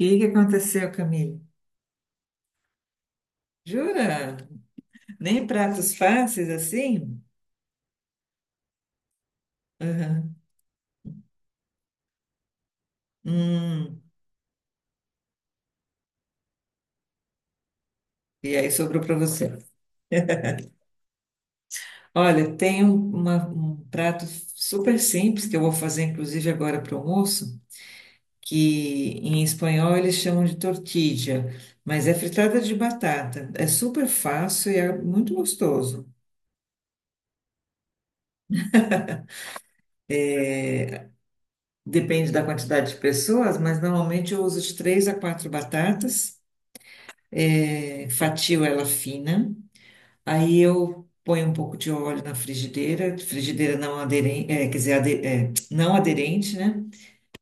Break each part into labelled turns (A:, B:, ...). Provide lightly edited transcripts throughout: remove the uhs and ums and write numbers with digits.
A: E aí, o que aconteceu, Camille? Jura? Nem pratos fáceis assim? Aham. Hum. E aí sobrou para você. Olha, tem um prato super simples que eu vou fazer, inclusive, agora para o almoço, que em espanhol eles chamam de tortilla, mas é fritada de batata. É super fácil e é muito gostoso. Depende da quantidade de pessoas, mas normalmente eu uso de 3 a 4 batatas, fatio ela fina. Aí eu ponho um pouco de óleo na frigideira, frigideira não aderente, é, quer dizer, não aderente, né?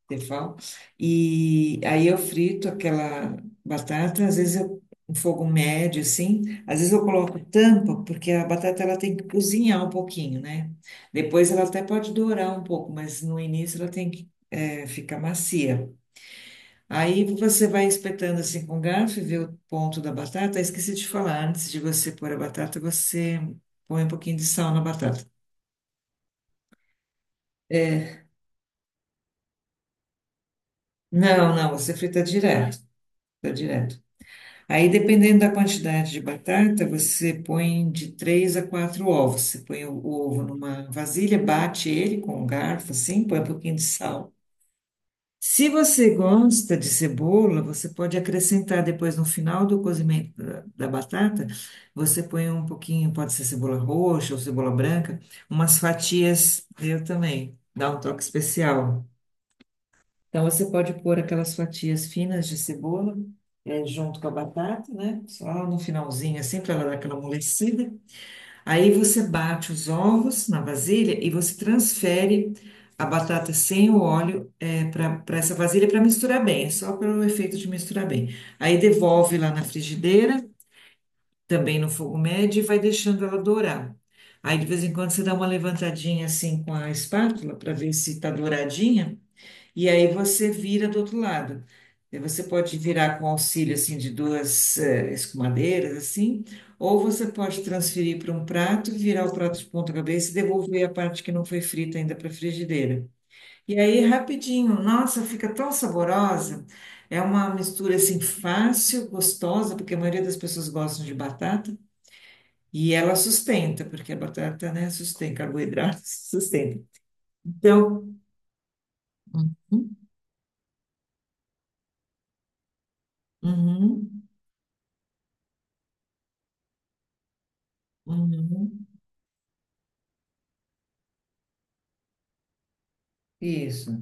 A: Tefal. E aí eu frito aquela batata, às vezes eu um fogo médio, assim, às vezes eu coloco tampa, porque a batata ela tem que cozinhar um pouquinho, né? Depois ela até pode dourar um pouco, mas no início ela tem que ficar macia. Aí você vai espetando assim com garfo e vê o ponto da batata. Esqueci de falar, antes de você pôr a batata, você põe um pouquinho de sal na batata. É, não, não, você frita direto, frita direto. Aí, dependendo da quantidade de batata, você põe de 3 a 4 ovos. Você põe o ovo numa vasilha, bate ele com um garfo assim, põe um pouquinho de sal. Se você gosta de cebola, você pode acrescentar depois no final do cozimento da, da batata, você põe um pouquinho, pode ser cebola roxa ou cebola branca, umas fatias, eu também, dá um toque especial. Então você pode pôr aquelas fatias finas de cebola junto com a batata, né? Só no finalzinho, assim, para ela dar aquela amolecida. Aí você bate os ovos na vasilha e você transfere a batata sem o óleo para essa vasilha para misturar bem, é só pelo efeito de misturar bem. Aí devolve lá na frigideira, também no fogo médio, e vai deixando ela dourar. Aí de vez em quando você dá uma levantadinha assim com a espátula para ver se está douradinha. E aí você vira do outro lado. E você pode virar com auxílio assim de duas escumadeiras assim, ou você pode transferir para um prato, virar o prato de ponta cabeça e devolver a parte que não foi frita ainda para a frigideira. E aí rapidinho, nossa, fica tão saborosa. É uma mistura assim fácil, gostosa, porque a maioria das pessoas gostam de batata. E ela sustenta, porque a batata, né, sustenta, carboidrato sustenta. Então, uhum, uhum, uhum. Isso.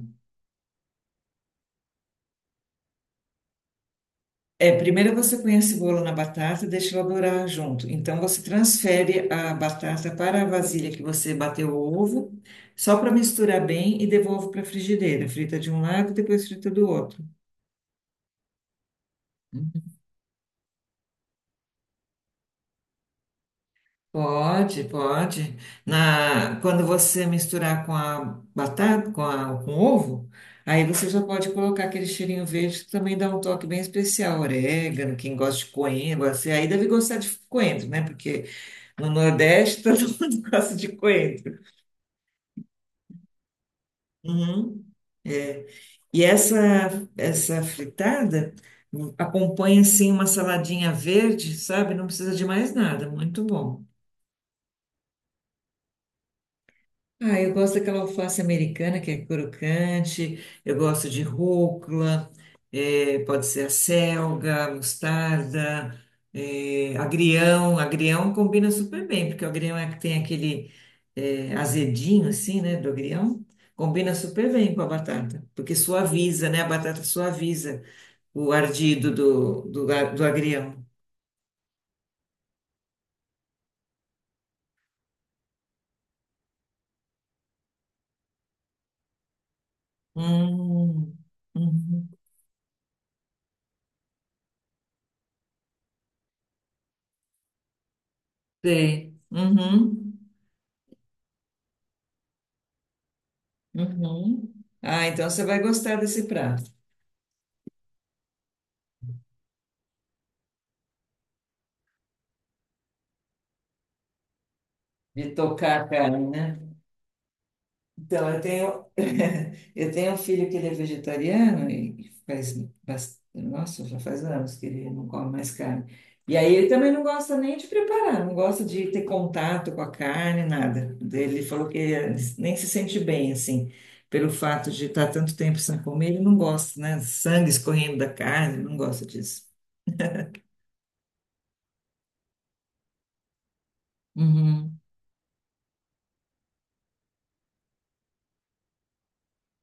A: É, primeiro você põe a cebola na batata e deixa ela dourar junto. Então você transfere a batata para a vasilha que você bateu o ovo, só para misturar bem e devolve para a frigideira. Frita de um lado, depois frita do outro. Pode, pode. Quando você misturar com a batata, com a, com o ovo, aí você já pode colocar aquele cheirinho verde que também dá um toque bem especial. Orégano, quem gosta de coentro, você aí deve gostar de coentro, né? Porque no Nordeste, todo mundo gosta de coentro. Uhum. E essa fritada acompanha, assim, uma saladinha verde, sabe? Não precisa de mais nada, muito bom. Ah, eu gosto daquela alface americana que é crocante, eu gosto de rúcula. É, pode ser a selga, a mostarda, agrião. Agrião combina super bem, porque o agrião é que tem aquele azedinho, assim, né, do agrião. Combina super bem com a batata, porque suaviza, né? A batata suaviza o ardido do agrião. Hum, uhum, sei. Uhum, uhum. Ah, então você vai gostar desse prato, de tocar a carne, né? Então, eu tenho, eu tenho um filho que ele é vegetariano e faz, nossa, já faz anos que ele não come mais carne. E aí ele também não gosta nem de preparar, não gosta de ter contato com a carne, nada. Ele falou que nem se sente bem, assim, pelo fato de estar tanto tempo sem comer, ele não gosta, né? Sangue escorrendo da carne, não gosta disso. Uhum,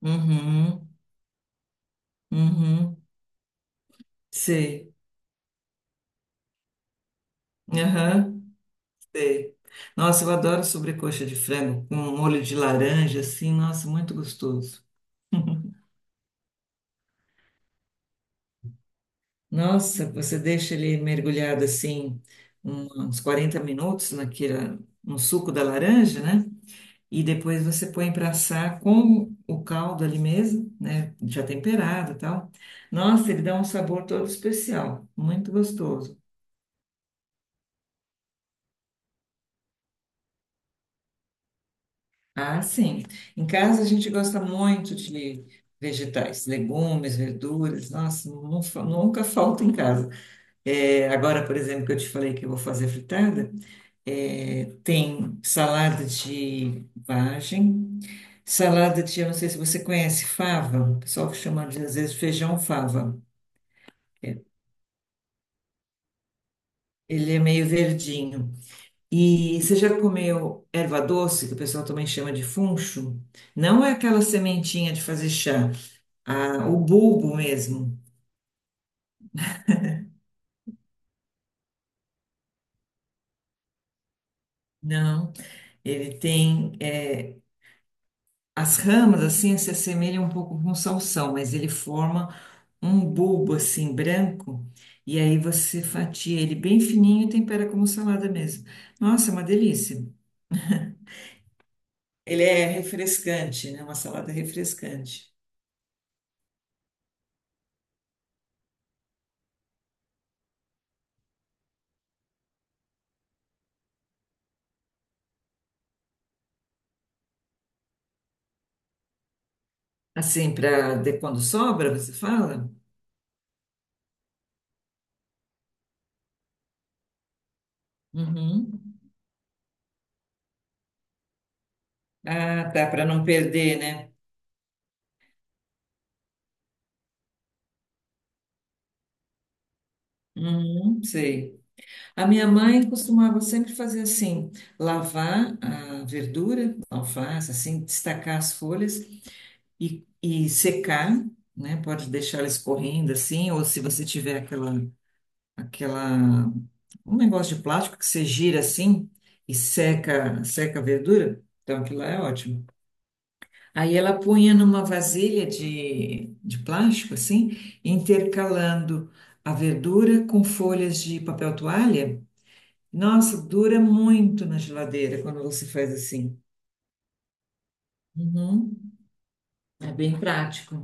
A: uhum, uhum, sei. Aham. Sei. Nossa, eu adoro sobrecoxa de frango com molho de laranja, assim, nossa, muito gostoso. Nossa, você deixa ele mergulhado assim uns 40 minutos naquela, no suco da laranja, né? E depois você põe para assar com o caldo ali mesmo, né? Já temperado e tal. Nossa, ele dá um sabor todo especial, muito gostoso. Ah, sim. Em casa a gente gosta muito de vegetais, legumes, verduras. Nossa, nunca falta em casa. É, agora, por exemplo, que eu te falei que eu vou fazer fritada, é, tem salada de vagem, salada de, eu não sei se você conhece, fava, o pessoal que chama de, às vezes, feijão fava. É, ele é meio verdinho. E você já comeu erva doce, que o pessoal também chama de funcho? Não é aquela sementinha de fazer chá. A- o bulbo mesmo. Não, ele tem as ramas assim se assemelham um pouco com salsão, mas ele forma um bulbo assim branco e aí você fatia ele bem fininho e tempera como salada mesmo. Nossa, é uma delícia. Ele é refrescante, né? Uma salada refrescante. Assim, para quando sobra, você fala? Uhum. Ah, tá, para não perder, né? Uhum, sei. A minha mãe costumava sempre fazer assim, lavar a verdura, alface, assim, destacar as folhas e secar, né? Pode deixar ela escorrendo assim, ou se você tiver aquela, aquela, um negócio de plástico que você gira assim e seca, seca a verdura, então aquilo lá é ótimo. Aí ela punha numa vasilha de plástico assim, intercalando a verdura com folhas de papel toalha, nossa, dura muito na geladeira quando você faz assim. Uhum. É bem prático.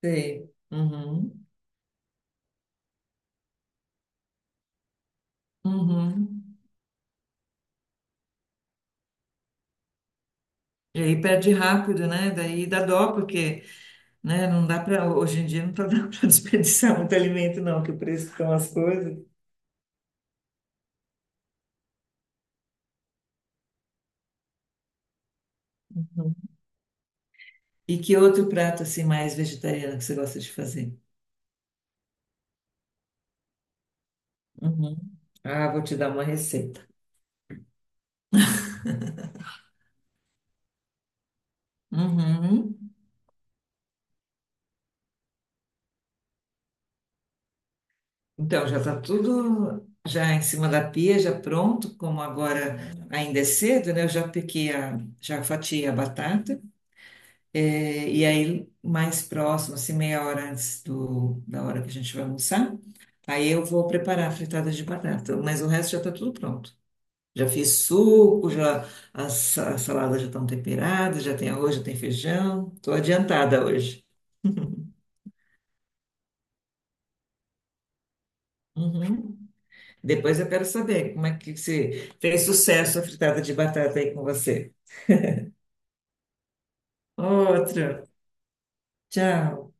A: Sei. Uhum. Uhum. E aí perde rápido, né? Daí dá dó, porque, né, não dá para, hoje em dia não tá dando para desperdiçar muito alimento não, que o preço estão as coisas. Uhum. E que outro prato assim mais vegetariano que você gosta de fazer? Uhum. Ah, vou te dar uma receita. Uhum. Então, já está tudo já em cima da pia, já pronto, como agora ainda é cedo, né? Eu já piquei já fatiei a batata, e aí mais próximo, assim, meia hora antes do, da hora que a gente vai almoçar, aí eu vou preparar a fritada de batata, mas o resto já está tudo pronto. Já fiz suco, já as saladas já estão temperadas, já tem arroz, já tem feijão. Estou adiantada hoje. Uhum. Depois eu quero saber como é que se fez sucesso a fritada de batata aí com você. Outra. Tchau.